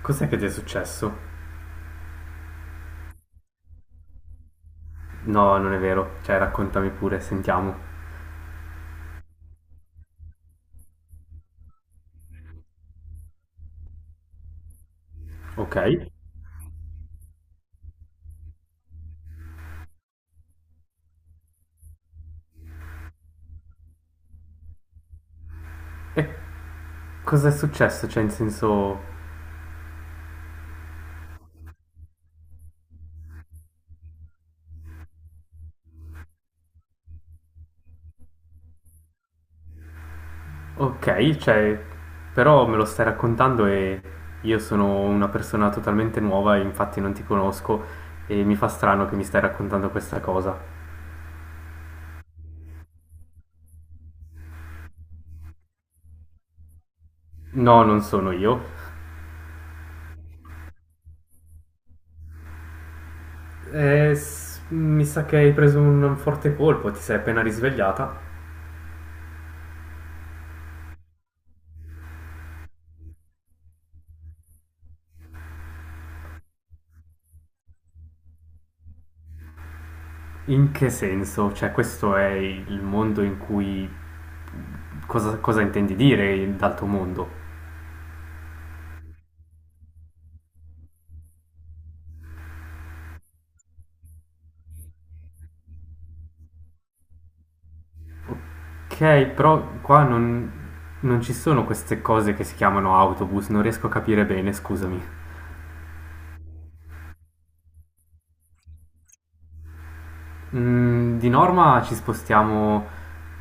Cos'è che ti è successo? No, non è vero. Cioè, raccontami pure, sentiamo. Ok. E cos'è successo? Cioè, in senso... Ok, cioè... Però me lo stai raccontando e io sono una persona totalmente nuova e infatti non ti conosco e mi fa strano che mi stai raccontando questa cosa. No, non sono io. Mi sa che hai preso un forte colpo, ti sei appena risvegliata. In che senso? Cioè, questo è il mondo in cui... Cosa, cosa intendi dire d'altro mondo? Ok, però qua non, non ci sono queste cose che si chiamano autobus, non riesco a capire bene, scusami. Mm, di norma ci spostiamo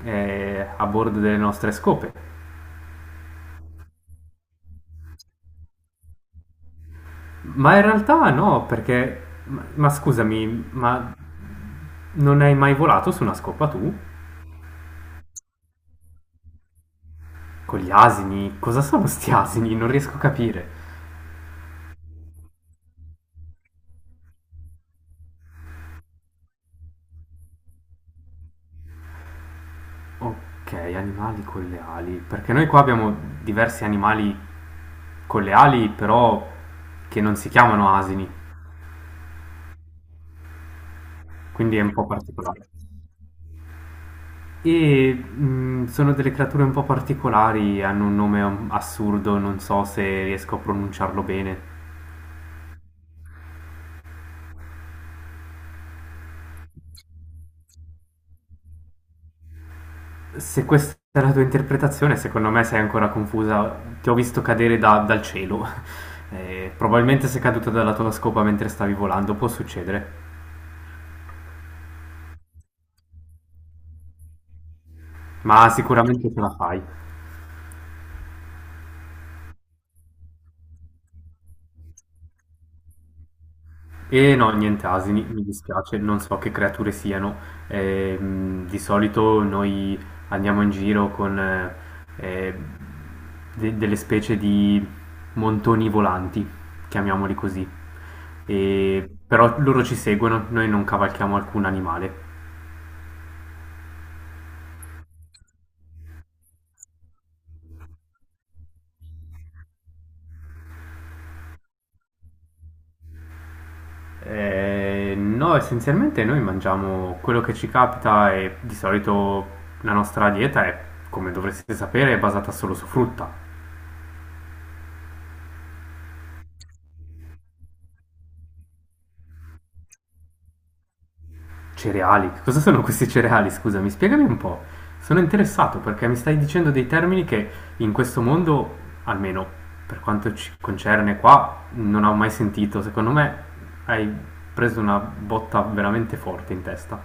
a bordo delle nostre scope, ma in realtà no, perché... ma scusami, ma non hai mai volato su una scopa tu? Con gli asini? Cosa sono sti asini? Non riesco a capire. Okay, animali con le ali. Perché noi qua abbiamo diversi animali con le ali, però che non si chiamano asini, quindi è un po' particolare. E sono delle creature un po' particolari, hanno un nome assurdo, non so se riesco a pronunciarlo bene. Se questa è la tua interpretazione, secondo me sei ancora confusa. Ti ho visto cadere dal cielo. Probabilmente sei caduta dalla tua scopa mentre stavi volando, può succedere, ma sicuramente ce la fai. E no, niente asini, mi dispiace, non so che creature siano. Di solito noi andiamo in giro con eh, delle specie di montoni volanti, chiamiamoli così. Però loro ci seguono, noi non cavalchiamo alcun animale. No, essenzialmente noi mangiamo quello che ci capita e di solito la nostra dieta è, come dovreste sapere, è basata solo su frutta. Cereali? Che cosa sono questi cereali? Scusami, spiegami un po'. Sono interessato perché mi stai dicendo dei termini che in questo mondo, almeno per quanto ci concerne qua, non ho mai sentito. Secondo me hai preso una botta veramente forte in testa.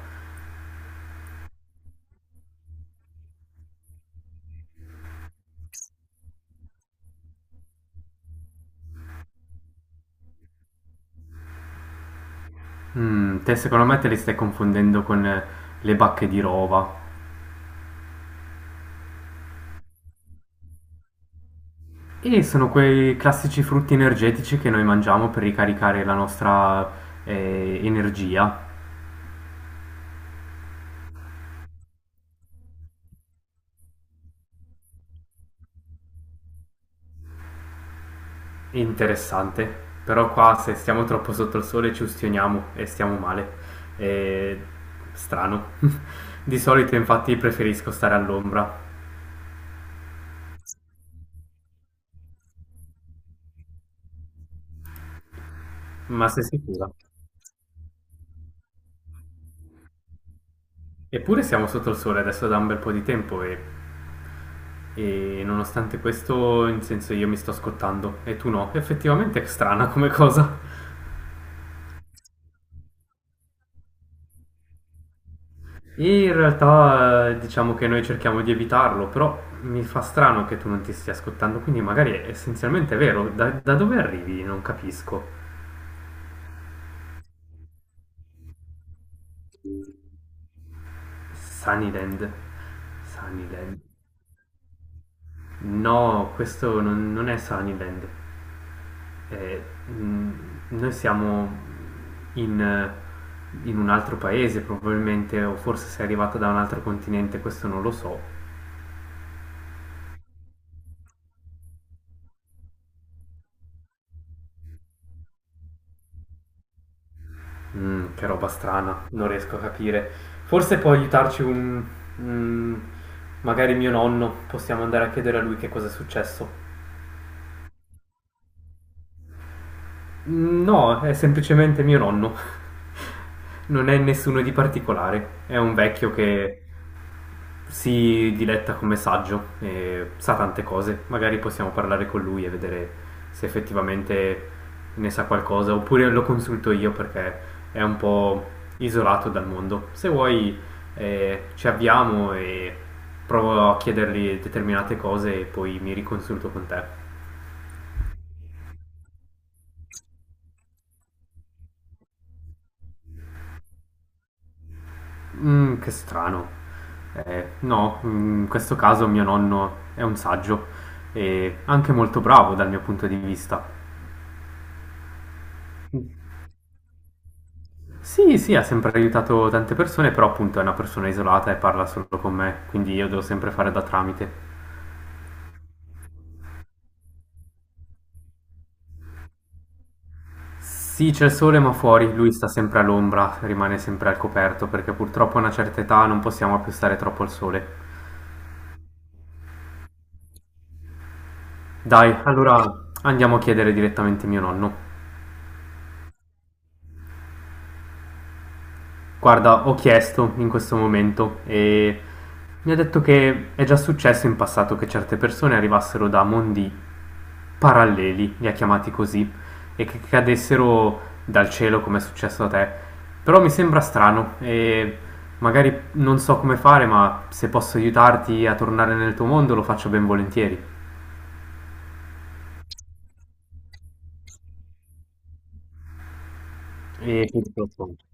Mm, te secondo me te li stai confondendo con le bacche di rova. E sono quei classici frutti energetici che noi mangiamo per ricaricare la nostra energia. Interessante, però qua se stiamo troppo sotto il sole ci ustioniamo e stiamo male. È strano. Di solito infatti preferisco stare all'ombra, ma sei sicura? Eppure siamo sotto il sole adesso da un bel po' di tempo e nonostante questo, in senso io mi sto scottando e tu no. Effettivamente è strana come cosa. E in realtà diciamo che noi cerchiamo di evitarlo, però mi fa strano che tu non ti stia scottando, quindi magari è essenzialmente vero. Da dove arrivi? Non capisco. Sunnyland. Sunnyland. No, questo non, non è Sunnyland. Eh, mm, Noi siamo in un altro paese probabilmente, o forse sei arrivata da un altro continente, questo non lo so. Mm, che roba strana, non riesco a capire. Forse può aiutarci un... un- magari mio nonno, possiamo andare a chiedere a lui che cosa è successo. No, è semplicemente mio nonno. Non è nessuno di particolare. È un vecchio che si diletta come saggio e sa tante cose. Magari possiamo parlare con lui e vedere se effettivamente ne sa qualcosa. Oppure lo consulto io perché è un po' isolato dal mondo. Se vuoi, ci avviamo e provo a chiedergli determinate cose e poi mi riconsulto con te. Che strano. No, mhmm, in questo caso mio nonno è un saggio e anche molto bravo dal mio punto di vista. Mh, sì, sì, ha sempre aiutato tante persone, però appunto è una persona isolata e parla solo con me, quindi io devo sempre fare da tramite. Sì, c'è il sole ma fuori, lui sta sempre all'ombra, rimane sempre al coperto perché purtroppo a una certa età non possiamo più stare troppo al sole. Dai, allora andiamo a chiedere direttamente mio nonno. Guarda, ho chiesto in questo momento e mi ha detto che è già successo in passato che certe persone arrivassero da mondi paralleli, li ha chiamati così, e che cadessero dal cielo come è successo a te. Però mi sembra strano e magari non so come fare, ma se posso aiutarti a tornare nel tuo mondo lo faccio ben volentieri. E quindi te lo faccio.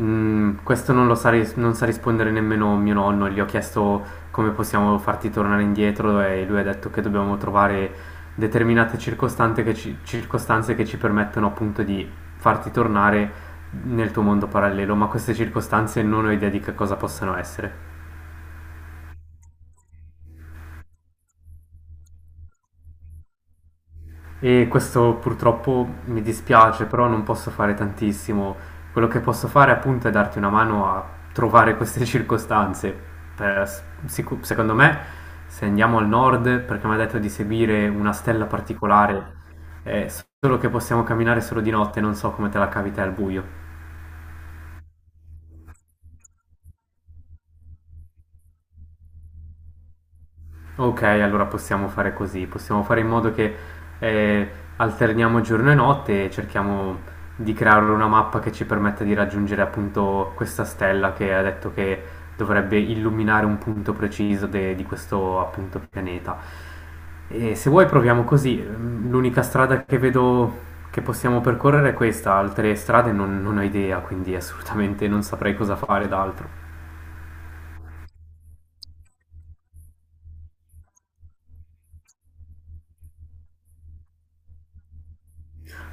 Mm, questo non lo sa, non sa rispondere nemmeno mio nonno, gli ho chiesto come possiamo farti tornare indietro e lui ha detto che dobbiamo trovare determinate circostanze che ci permettono appunto di farti tornare nel tuo mondo parallelo, ma queste circostanze non ho idea di che cosa possano essere. E questo purtroppo mi dispiace, però non posso fare tantissimo. Quello che posso fare appunto è darti una mano a trovare queste circostanze. Per- Secondo me, se andiamo al nord, perché mi ha detto di seguire una stella particolare, è solo che possiamo camminare solo di notte, non so come te la cavi te al buio. Ok, allora possiamo fare così, possiamo fare in modo che eh, alterniamo giorno e notte e cerchiamo di creare una mappa che ci permetta di raggiungere appunto questa stella che ha detto che dovrebbe illuminare un punto preciso di questo appunto pianeta. E se vuoi proviamo così. Mm, l'unica strada che vedo che possiamo percorrere è questa, altre strade non, non ho idea, quindi assolutamente non saprei cosa fare d'altro.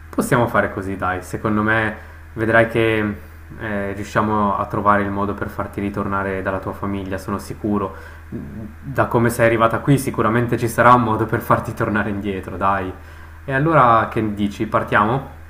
Possiamo fare così, dai. Secondo me vedrai che riusciamo a trovare il modo per farti ritornare dalla tua famiglia, sono sicuro. Da come sei arrivata qui, sicuramente ci sarà un modo per farti tornare indietro, dai. E allora che dici? Partiamo?